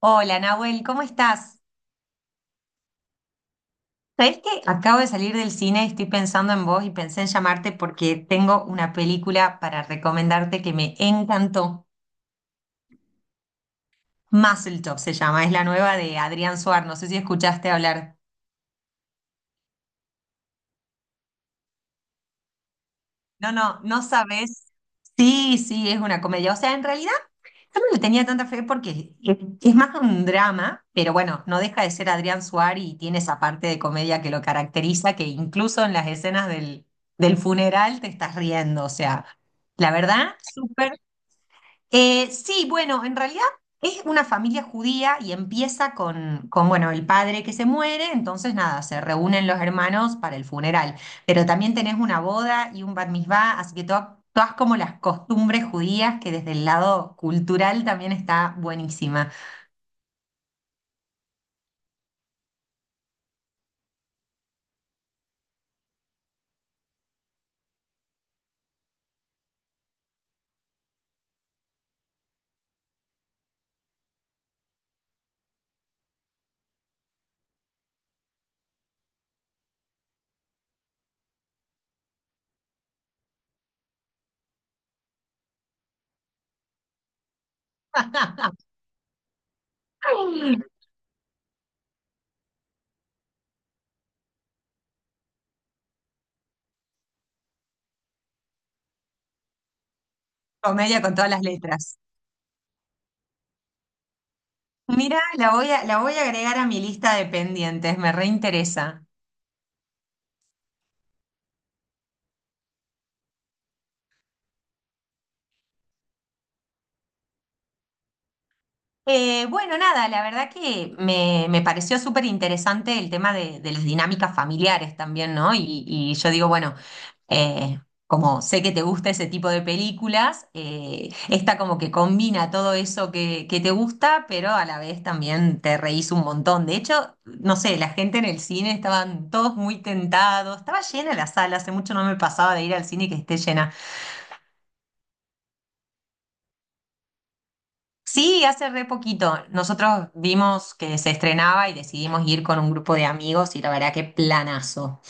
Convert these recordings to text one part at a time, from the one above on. Hola Nahuel, ¿cómo estás? ¿Sabés que acabo de salir del cine? Estoy pensando en vos y pensé en llamarte porque tengo una película para recomendarte que me encantó. Top se llama, es la nueva de Adrián Suar, no sé si escuchaste hablar. No, no, no sabés. Sí, sí, es una comedia. O sea, en realidad, yo no le tenía tanta fe porque es más un drama, pero bueno, no deja de ser Adrián Suárez y tiene esa parte de comedia que lo caracteriza, que incluso en las escenas del funeral te estás riendo. O sea, la verdad, súper sí, bueno, en realidad es una familia judía y empieza con bueno, el padre que se muere, entonces nada, se reúnen los hermanos para el funeral, pero también tenés una boda y un bat mitzvah, así que todas como las costumbres judías que desde el lado cultural también está buenísima. Comedia con todas las letras. Mira, la voy a agregar a mi lista de pendientes, me reinteresa. Bueno, nada, la verdad que me pareció súper interesante el tema de las dinámicas familiares también, ¿no? Y yo digo, bueno, eh, como sé que te gusta ese tipo de películas, esta como que combina todo eso que te gusta, pero a la vez también te reís un montón. De hecho, no sé, la gente en el cine estaban todos muy tentados, estaba llena la sala, hace mucho no me pasaba de ir al cine que esté llena. Sí, hace re poquito. Nosotros vimos que se estrenaba y decidimos ir con un grupo de amigos y la verdad que planazo.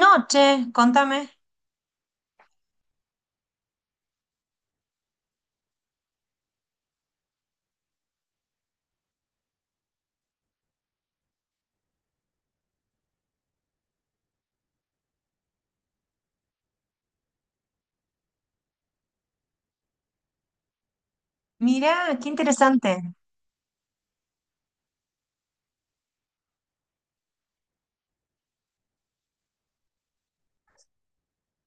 Noche, contame. Mirá, qué interesante.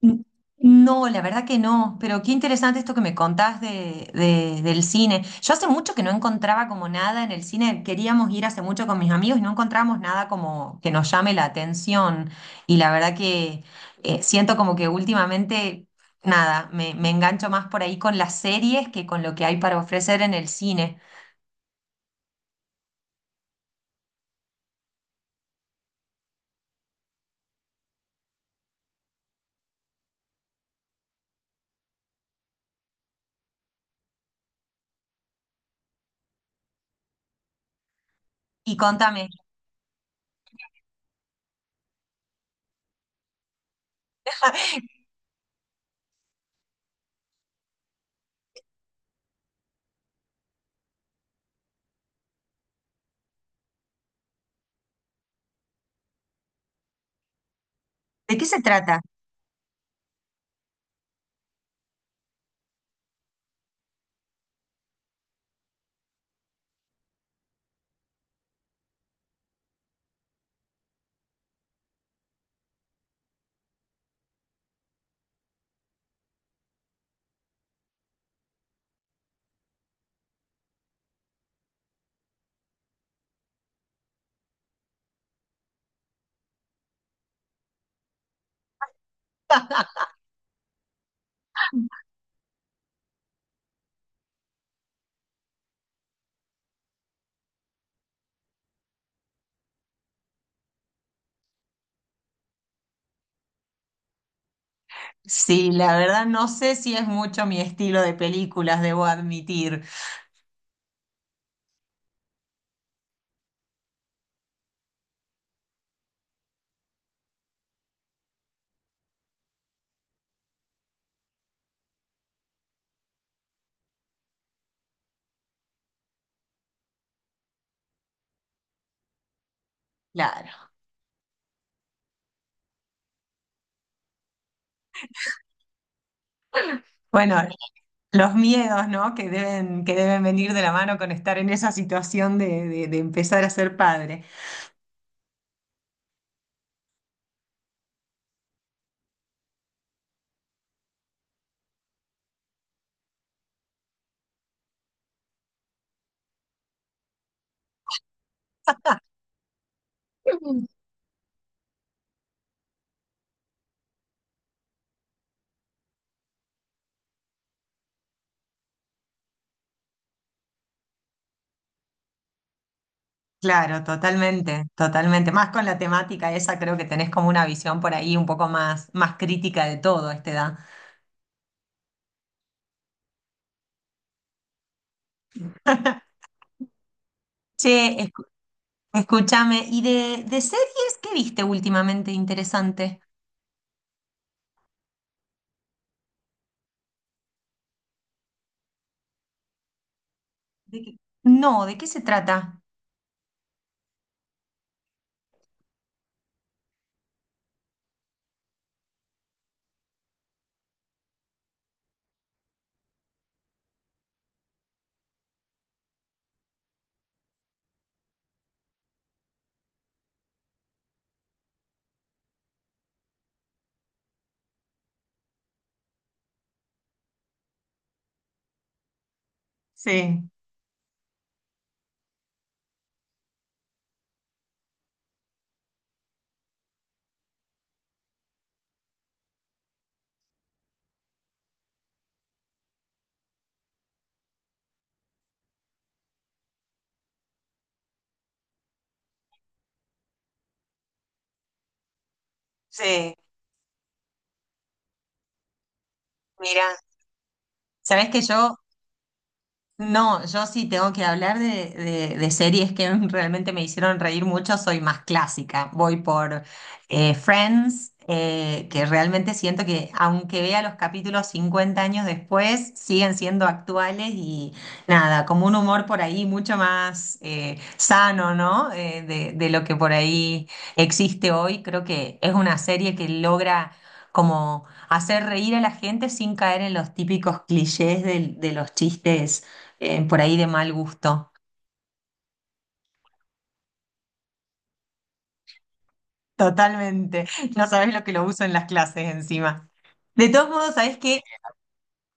N- No, la verdad que no, pero qué interesante esto que me contás del cine. Yo hace mucho que no encontraba como nada en el cine, queríamos ir hace mucho con mis amigos y no encontramos nada como que nos llame la atención. Y la verdad que siento como que últimamente, nada, me engancho más por ahí con las series que con lo que hay para ofrecer en el cine. Y contame, ¿de qué se trata? Sí, la verdad no sé si es mucho mi estilo de películas, debo admitir. Claro. Bueno, los miedos, ¿no? Que deben venir de la mano con estar en esa situación de, de empezar a ser padre. Claro, totalmente, totalmente. Más con la temática esa, creo que tenés como una visión por ahí un poco más, más crítica de todo a esta edad. Che, escu- Escúchame, ¿y de series qué viste últimamente interesante? ¿De qué- No, ¿de qué se trata? Sí, sí, mira, sabés que yo. No, yo sí tengo que hablar de, de series que realmente me hicieron reír mucho, soy más clásica. Voy por Friends, que realmente siento que aunque vea los capítulos 50 años después, siguen siendo actuales y nada, como un humor por ahí mucho más sano, ¿no? De lo que por ahí existe hoy. Creo que es una serie que logra como hacer reír a la gente sin caer en los típicos clichés de los chistes, por ahí de mal gusto. Totalmente. No sabés lo que lo uso en las clases encima. De todos modos,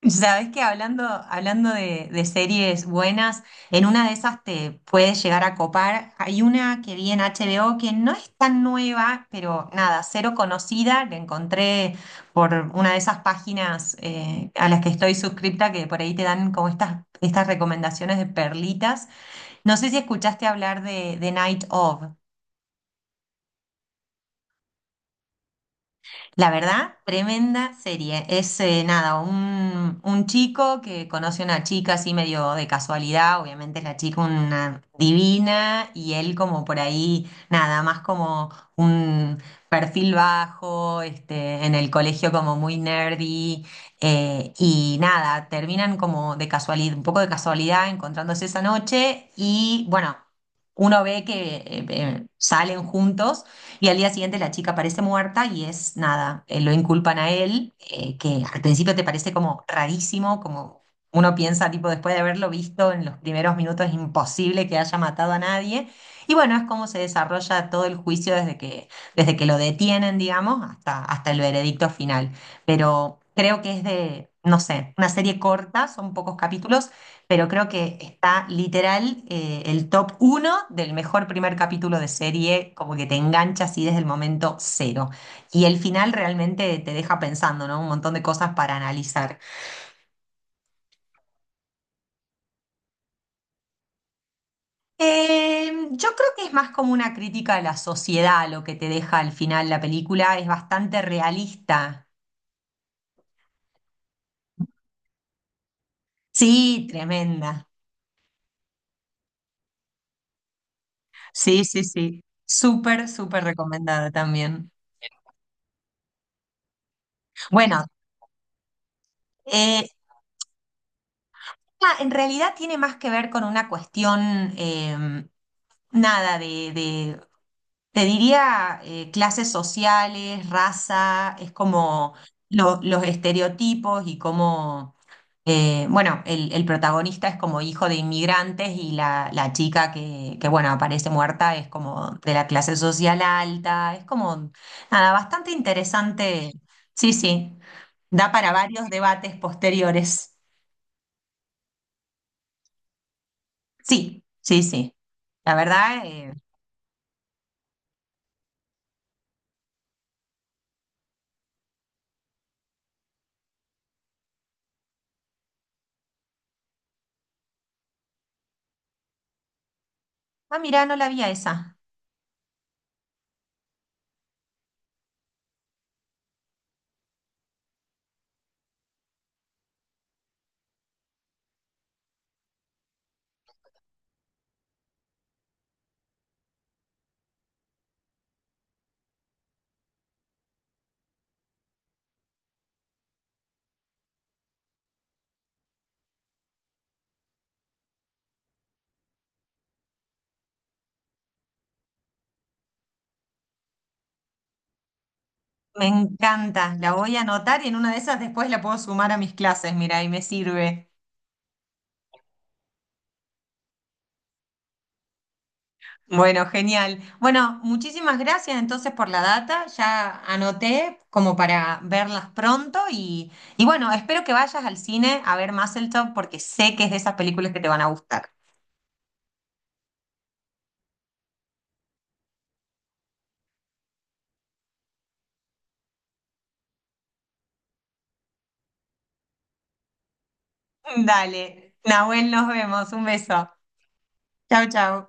sabés que hablando de series buenas, en una de esas te puedes llegar a copar. Hay una que vi en HBO que no es tan nueva, pero nada, cero conocida. La encontré por una de esas páginas, a las que estoy suscripta, que por ahí te dan como estas recomendaciones de perlitas. No sé si escuchaste hablar de Night Of. La verdad, tremenda serie. Es, nada, un chico que conoce a una chica así medio de casualidad, obviamente la chica una divina y él como por ahí, nada, más como un perfil bajo, este, en el colegio como muy nerdy, y nada, terminan como de casualidad, un poco de casualidad encontrándose esa noche y bueno, uno ve que salen juntos. Y al día siguiente la chica aparece muerta y es nada, lo inculpan a él, que al principio te parece como rarísimo, como uno piensa, tipo, después de haberlo visto en los primeros minutos, es imposible que haya matado a nadie. Y bueno, es como se desarrolla todo el juicio desde que lo detienen, digamos, hasta el veredicto final. Pero creo que es de, no sé, una serie corta, son pocos capítulos, pero creo que está literal, el top uno del mejor primer capítulo de serie, como que te engancha así desde el momento cero. Y el final realmente te deja pensando, ¿no? Un montón de cosas para analizar. Yo creo que es más como una crítica a la sociedad lo que te deja al final la película, es bastante realista. Sí, tremenda. Sí, sí, sí. Súper, súper recomendada también. Bueno, eh, ah, en realidad tiene más que ver con una cuestión, nada te diría, clases sociales, raza, es como los estereotipos y cómo, bueno, el protagonista es como hijo de inmigrantes y la chica que, bueno, aparece muerta es como de la clase social alta, es como, nada, bastante interesante, sí, sí, da para varios debates posteriores, sí, sí, sí, la verdad, ah, mira, no la vi a esa. Me encanta, la voy a anotar y en una de esas después la puedo sumar a mis clases, mira, y me sirve. Bueno, genial. Bueno, muchísimas gracias entonces por la data, ya anoté como para verlas pronto y bueno, espero que vayas al cine a ver Top porque sé que es de esas películas que te van a gustar. Dale, Nahuel, nos vemos, un beso. Chau, chau.